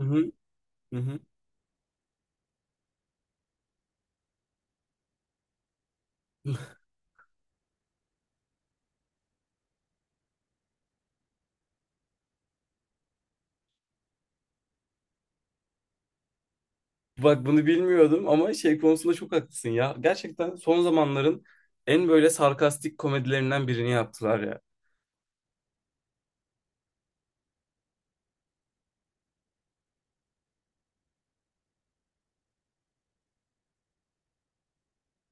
Hı hı, hı hı. Bak bunu bilmiyordum ama şey konusunda çok haklısın ya. Gerçekten son zamanların en böyle sarkastik komedilerinden birini yaptılar ya.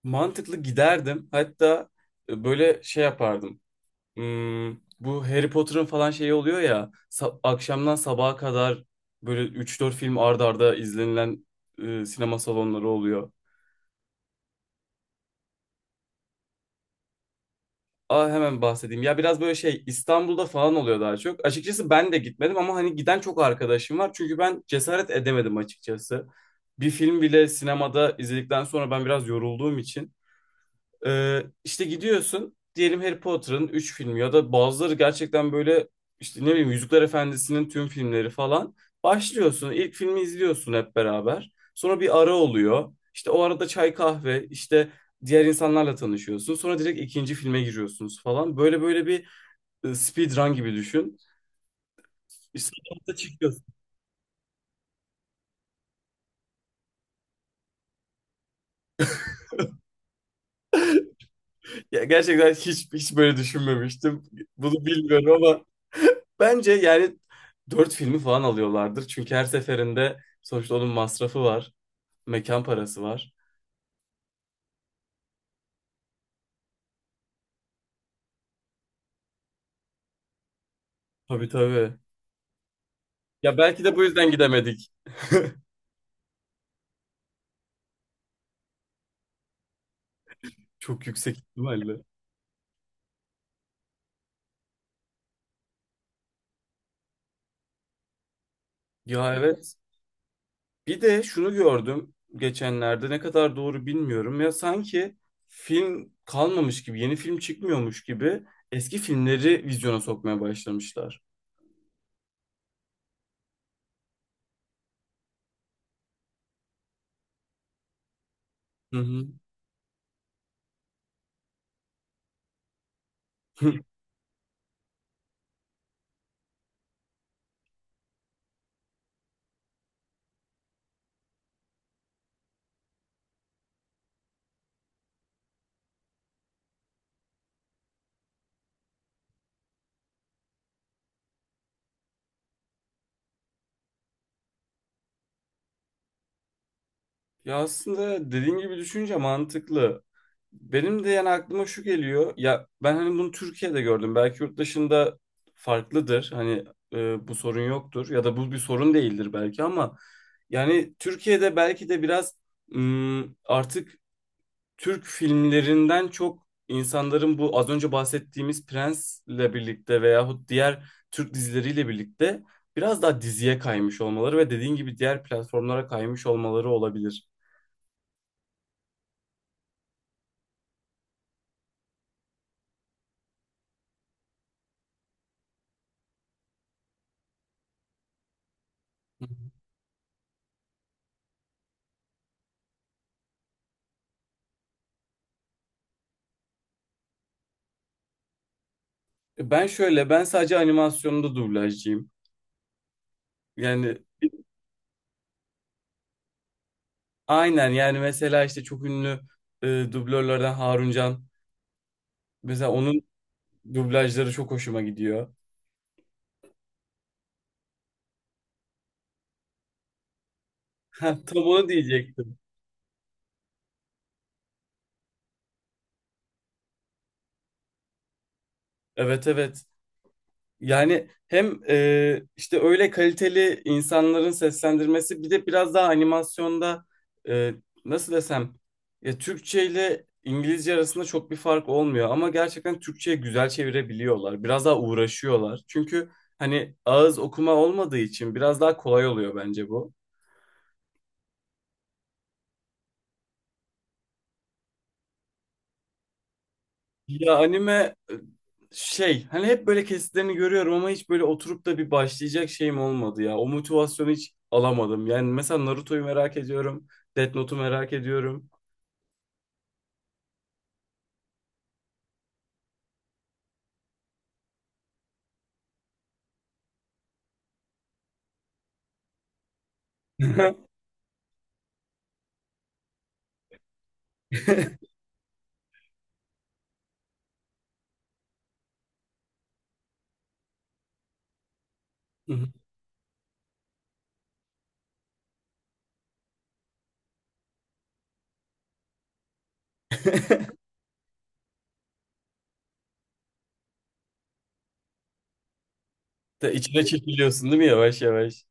Mantıklı, giderdim. Hatta böyle şey yapardım. Hmm, bu Harry Potter'ın falan şeyi oluyor ya. Akşamdan sabaha kadar böyle üç dört film arda arda izlenilen sinema salonları oluyor. Aa, hemen bahsedeyim. Ya biraz böyle şey İstanbul'da falan oluyor daha çok. Açıkçası ben de gitmedim ama hani giden çok arkadaşım var. Çünkü ben cesaret edemedim açıkçası. Bir film bile sinemada izledikten sonra ben biraz yorulduğum için. İşte gidiyorsun diyelim, Harry Potter'ın 3 filmi ya da bazıları gerçekten böyle işte ne bileyim Yüzükler Efendisi'nin tüm filmleri falan. Başlıyorsun, ilk filmi izliyorsun hep beraber. Sonra bir ara oluyor. İşte o arada çay kahve işte diğer insanlarla tanışıyorsun. Sonra direkt ikinci filme giriyorsunuz falan. Böyle böyle bir speedrun gibi düşün. İşte, ya gerçekten hiç böyle düşünmemiştim. Bunu bilmiyorum ama bence yani dört filmi falan alıyorlardır. Çünkü her seferinde sonuçta onun masrafı var. Mekan parası var. Tabii, tabii. Ya belki de bu yüzden gidemedik. Çok yüksek ihtimalle. Ya evet. Bir de şunu gördüm geçenlerde, ne kadar doğru bilmiyorum. Ya sanki film kalmamış gibi, yeni film çıkmıyormuş gibi eski filmleri vizyona sokmaya başlamışlar. Hı hı. Ya aslında dediğin gibi, düşünce mantıklı. Benim de yani aklıma şu geliyor. Ya ben hani bunu Türkiye'de gördüm. Belki yurt dışında farklıdır. Hani bu sorun yoktur ya da bu bir sorun değildir belki ama yani Türkiye'de belki de biraz artık Türk filmlerinden çok insanların bu az önce bahsettiğimiz Prens'le birlikte veyahut diğer Türk dizileriyle birlikte biraz daha diziye kaymış olmaları ve dediğin gibi diğer platformlara kaymış olmaları olabilir. Ben şöyle, ben sadece animasyonda dublajcıyım. Yani aynen, yani mesela işte çok ünlü dublörlerden Harun Can. Mesela onun dublajları çok hoşuma gidiyor. Ha, tam onu diyecektim. Evet, evet. Yani hem işte öyle kaliteli insanların seslendirmesi, bir de biraz daha animasyonda e, nasıl desem, ya Türkçe ile İngilizce arasında çok bir fark olmuyor ama gerçekten Türkçe'ye güzel çevirebiliyorlar. Biraz daha uğraşıyorlar. Çünkü hani ağız okuma olmadığı için biraz daha kolay oluyor bence bu. Ya anime şey, hani hep böyle kesitlerini görüyorum ama hiç böyle oturup da bir başlayacak şeyim olmadı ya. O motivasyonu hiç alamadım. Yani mesela Naruto'yu merak ediyorum. Death Note'u merak ediyorum. De içine çekiliyorsun değil mi yavaş yavaş?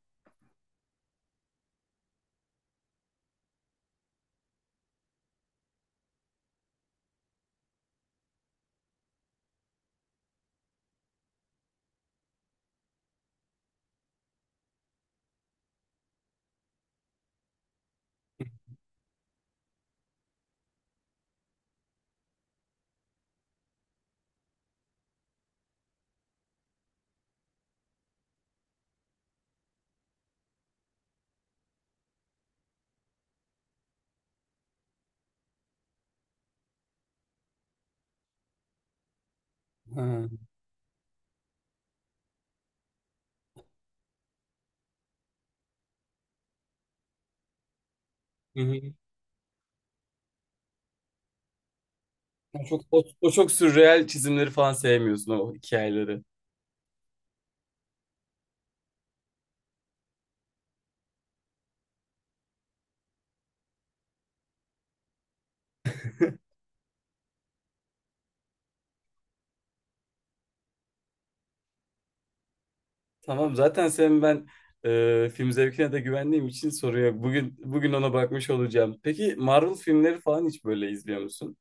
Ha. Hı hı. O çok, o çok sürreel çizimleri falan sevmiyorsun, o hikayeleri. Tamam, zaten senin ben film zevkine de güvendiğim için soruyor. Bugün ona bakmış olacağım. Peki Marvel filmleri falan hiç böyle izliyor musun?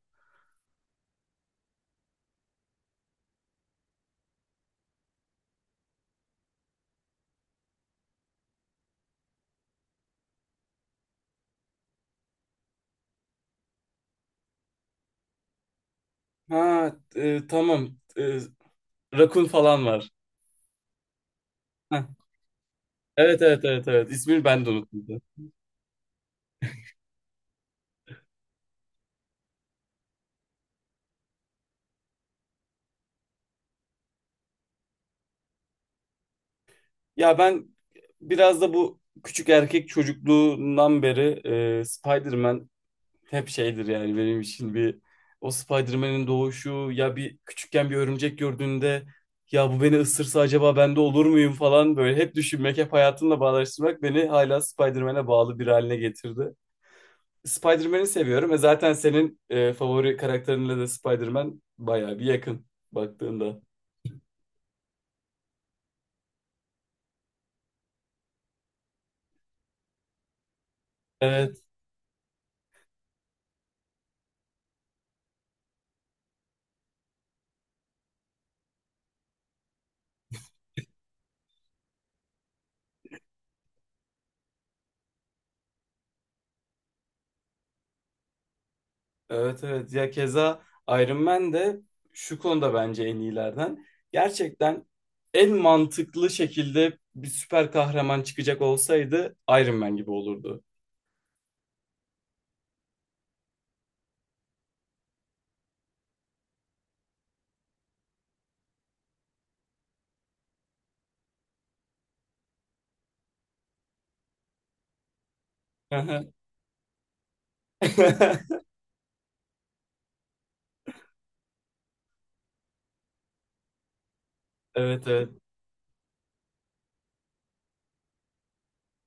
Ha, tamam. Rakun falan var. Heh. Evet, evet, evet, evet. İsmini ben de unuttum. Ya ben biraz da bu küçük erkek çocukluğundan beri Spider-Man hep şeydir yani benim için bir, o Spider-Man'in doğuşu, ya bir küçükken bir örümcek gördüğünde ya bu beni ısırsa acaba ben de olur muyum falan böyle hep düşünmek, hep hayatımla bağdaştırmak beni hala Spider-Man'e bağlı bir haline getirdi. Spider-Man'i seviyorum. E zaten senin favori karakterinle de Spider-Man bayağı bir yakın baktığında. Evet, evet, evet. Ya keza Iron Man de şu konuda bence en iyilerden. Gerçekten en mantıklı şekilde bir süper kahraman çıkacak olsaydı Iron Man gibi olurdu. Evet, evet.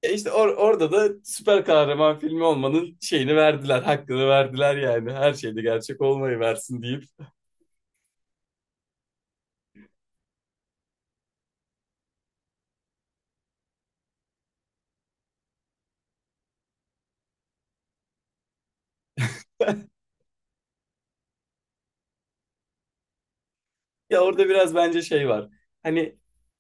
E işte orada da süper kahraman filmi olmanın şeyini verdiler, hakkını verdiler yani. Her şeyde gerçek olmayı versin deyip. Ya orada biraz bence şey var. Hani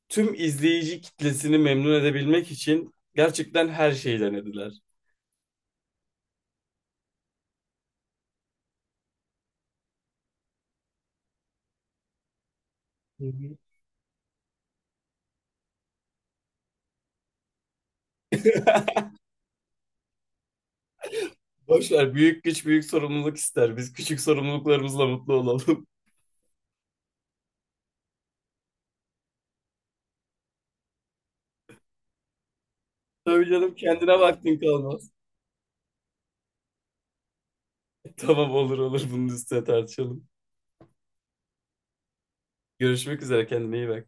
tüm izleyici kitlesini memnun edebilmek için gerçekten her şeyi denediler. Hı hı. Boş ver, büyük güç büyük sorumluluk ister. Biz küçük sorumluluklarımızla mutlu olalım. Tabii canım, kendine vaktin kalmaz. Tamam, olur olur, bunun üstüne tartışalım. Görüşmek üzere, kendine iyi bak.